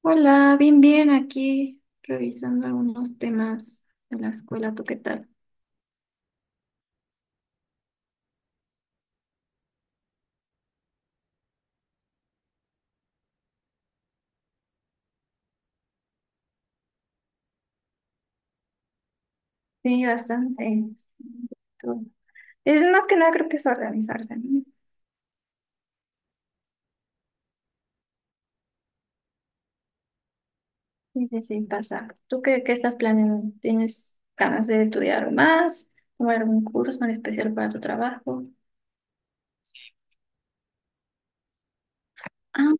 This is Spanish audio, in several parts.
Hola, bien, bien, aquí revisando algunos temas de la escuela, ¿tú qué tal? Sí, bastante. Tú- Es más que nada creo que es organizarse, ¿no? Sí, sí, sí, pasa. ¿Tú qué estás planeando? ¿Tienes ganas de estudiar algo más? ¿Tomar algún curso en especial para tu trabajo? Ah,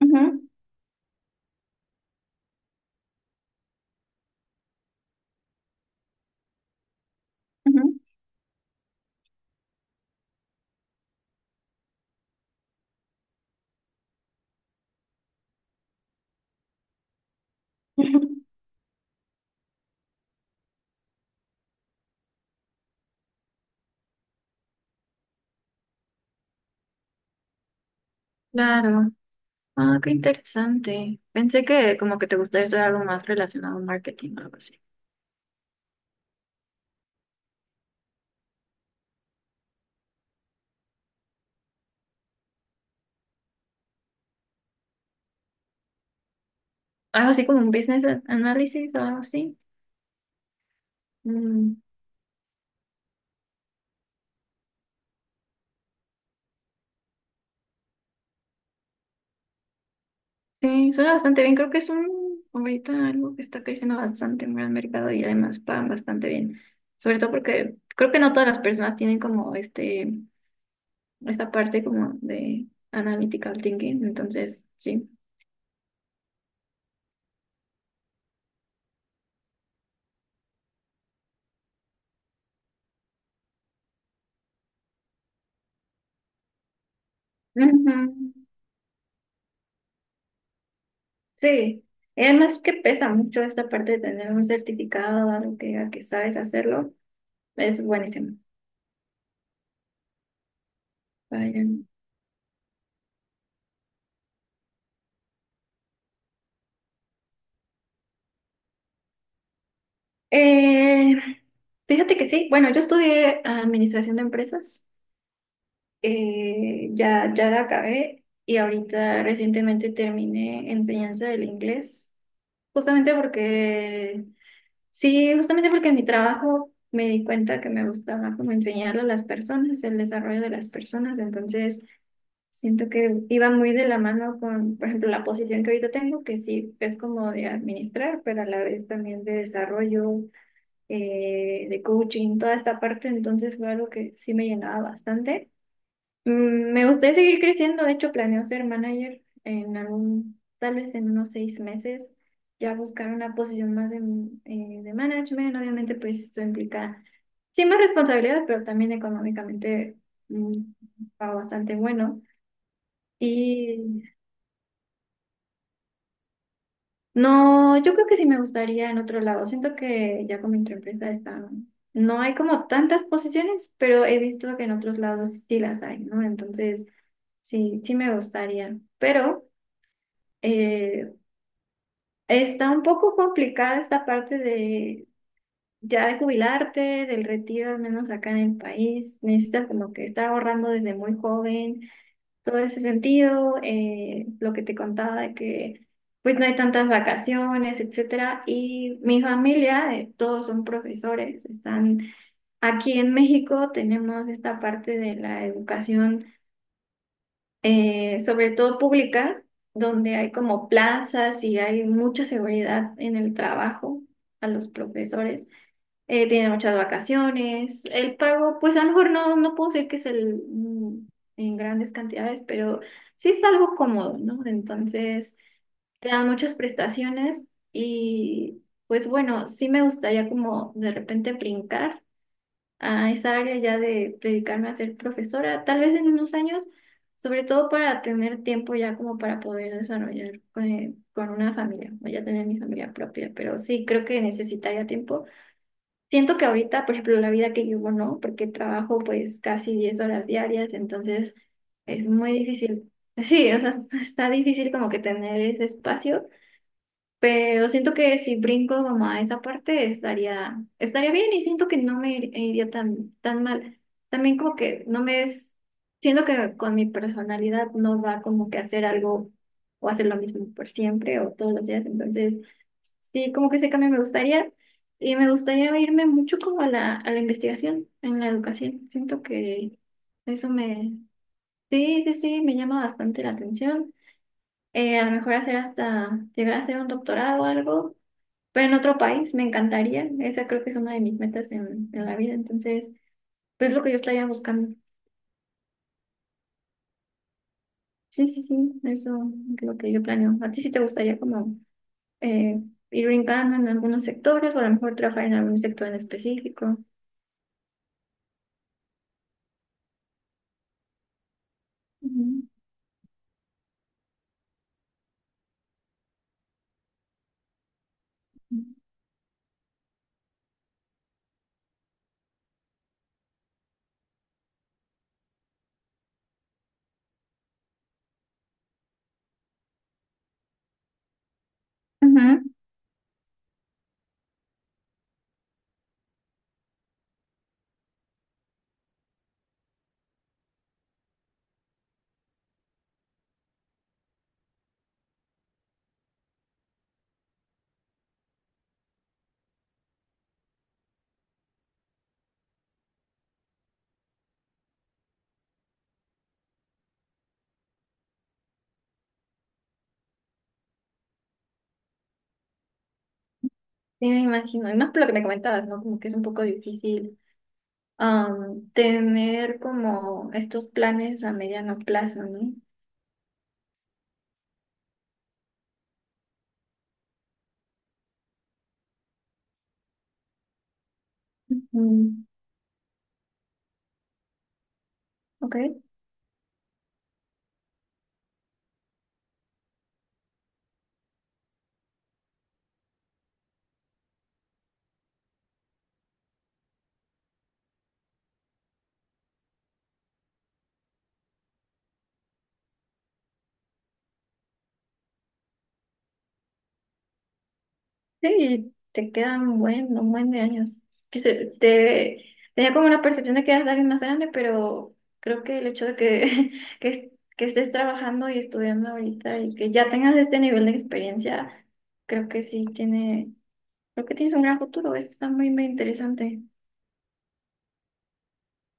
ujú, ujú. Claro. Ah, qué interesante. Pensé que como que te gustaría estudiar algo más relacionado a marketing o algo así. Algo así como un business analysis o algo así. Mm. Sí, suena bastante bien. Creo que es un ahorita algo que está creciendo bastante en el mercado y además pagan bastante bien. Sobre todo porque creo que no todas las personas tienen como esta parte como de analytical thinking. Entonces, sí. Ujú, sí. Y además que pesa mucho esta parte de tener un certificado, algo que diga que sabes hacerlo. Es buenísimo. Vayan. Eh, Fíjate que sí. Bueno, yo estudié administración de empresas. Ya la acabé y ahorita recientemente terminé enseñanza del inglés, justamente porque, sí, justamente porque en mi trabajo me di cuenta que me gustaba como enseñarle a las personas, el desarrollo de las personas, entonces siento que iba muy de la mano con, por ejemplo, la posición que ahorita tengo, que sí es como de administrar, pero a la vez también de desarrollo, de coaching, toda esta parte, entonces fue algo que sí me llenaba bastante. Mm, me gustaría seguir creciendo, de hecho planeo ser manager en algún, tal vez en unos 6 meses, ya buscar una posición más de management, obviamente pues esto implica sí más responsabilidades, pero también económicamente mm, va bastante bueno. Y no, yo creo que sí me gustaría en otro lado, siento que ya con mi empresa está, no hay como tantas posiciones, pero he visto que en otros lados sí las hay, ¿no? Entonces sí, sí me gustaría, pero... Eh, está un poco complicada esta parte de ya de jubilarte, del retiro, al menos acá en el país. Necesitas como que estar ahorrando desde muy joven, todo ese sentido, lo que te contaba de que pues no hay tantas vacaciones, etcétera. Y mi familia, todos son profesores, están aquí en México, tenemos esta parte de la educación sobre todo pública, donde hay como plazas y hay mucha seguridad en el trabajo a los profesores. Tienen muchas vacaciones. El pago, pues a lo mejor no, no puedo decir que es el, mm, en grandes cantidades, pero sí es algo cómodo, ¿no? Entonces, te dan muchas prestaciones y pues bueno, sí me gustaría como de repente brincar a esa área ya de dedicarme a ser profesora, tal vez en unos años, sobre todo para tener tiempo ya como para poder desarrollar con una familia, o ya tener mi familia propia, pero sí creo que necesitaría tiempo. Siento que ahorita, por ejemplo, la vida que llevo, no, porque trabajo pues casi 10 horas diarias, entonces es muy difícil. Sí, o sea, está difícil como que tener ese espacio pero siento que si brinco como a esa parte estaría bien y siento que no iría tan, tan mal. También como que no me es, siento que con mi personalidad no va como que hacer algo o hacer lo mismo por siempre o todos los días. Entonces, sí, como que ese cambio me gustaría y me gustaría irme mucho como a a la investigación en la educación. Siento que eso me, sí, sí, sí, me llama bastante la atención. A lo mejor hacer hasta llegar a hacer un doctorado o algo pero en otro país me encantaría. Esa creo que es una de mis metas en la vida. Entonces, pues es lo que yo estaría buscando. Sí, sí, sí, eso es lo que yo planeo. ¿A ti sí te gustaría como eh, ir brincando en algunos sectores o a lo mejor trabajar en algún sector en específico? Ujú. Ujú. Sí, me imagino. Y más por lo que me comentabas, ¿no? Como que es un poco difícil tener como estos planes a mediano plazo, ¿no? Mm, ok. Sí, te quedan un buen de años. Te tenía como la percepción de que eras alguien más grande, pero creo que el hecho de que, es- que estés trabajando y estudiando ahorita y que ya tengas este nivel de experiencia, creo que sí tiene, creo que tienes un gran futuro. Esto está muy, muy interesante.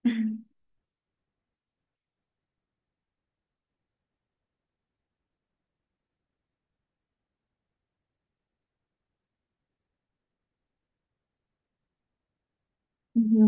Ujú,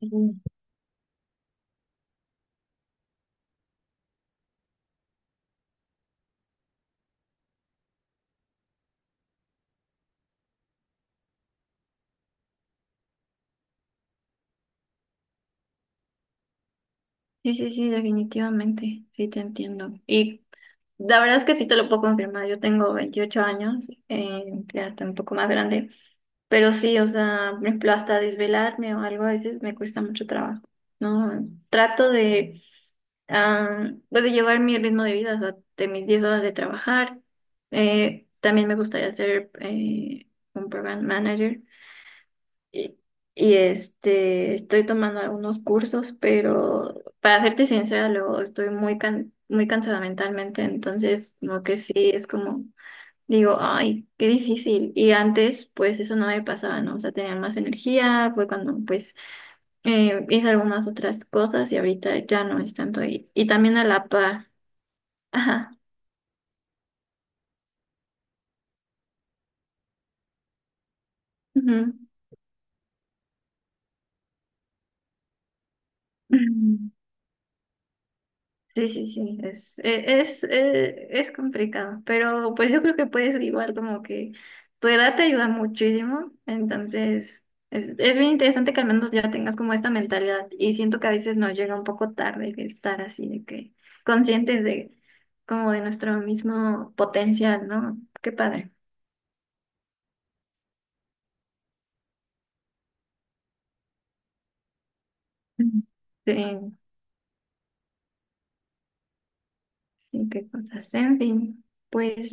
sí. Sí, sí, sí, definitivamente, sí te entiendo. Y la verdad es que sí te lo puedo confirmar. Yo tengo 28 años, ya estoy un poco más grande, pero sí, o sea, por ejemplo, hasta desvelarme o algo a veces me cuesta mucho trabajo, ¿no? Ah, pues, de llevar mi ritmo de vida, o sea, de mis 10 horas de trabajar. También me gustaría ser un program manager, y, este, estoy tomando algunos cursos, pero para serte sincera, luego estoy muy cansada mentalmente, entonces lo que sí es como, digo, ay, qué difícil. Y antes, pues eso no me pasaba, ¿no? O sea, tenía más energía, fue cuando pues hice algunas otras cosas y ahorita ya no es tanto. Y también a la par. Ajá. Ujú. Sí, sí, sí, es complicado, pero pues yo creo que puedes igual como que tu edad te ayuda muchísimo, entonces es bien interesante que al menos ya tengas como esta mentalidad y siento que a veces nos llega un poco tarde que estar así de que conscientes de como de nuestro mismo potencial, ¿no? Qué padre. Mm. Sí, sí, qué cosas. En fin, pues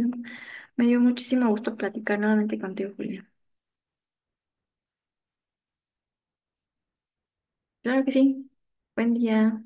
me dio muchísimo gusto platicar nuevamente contigo, Julia. Claro que sí. Buen día.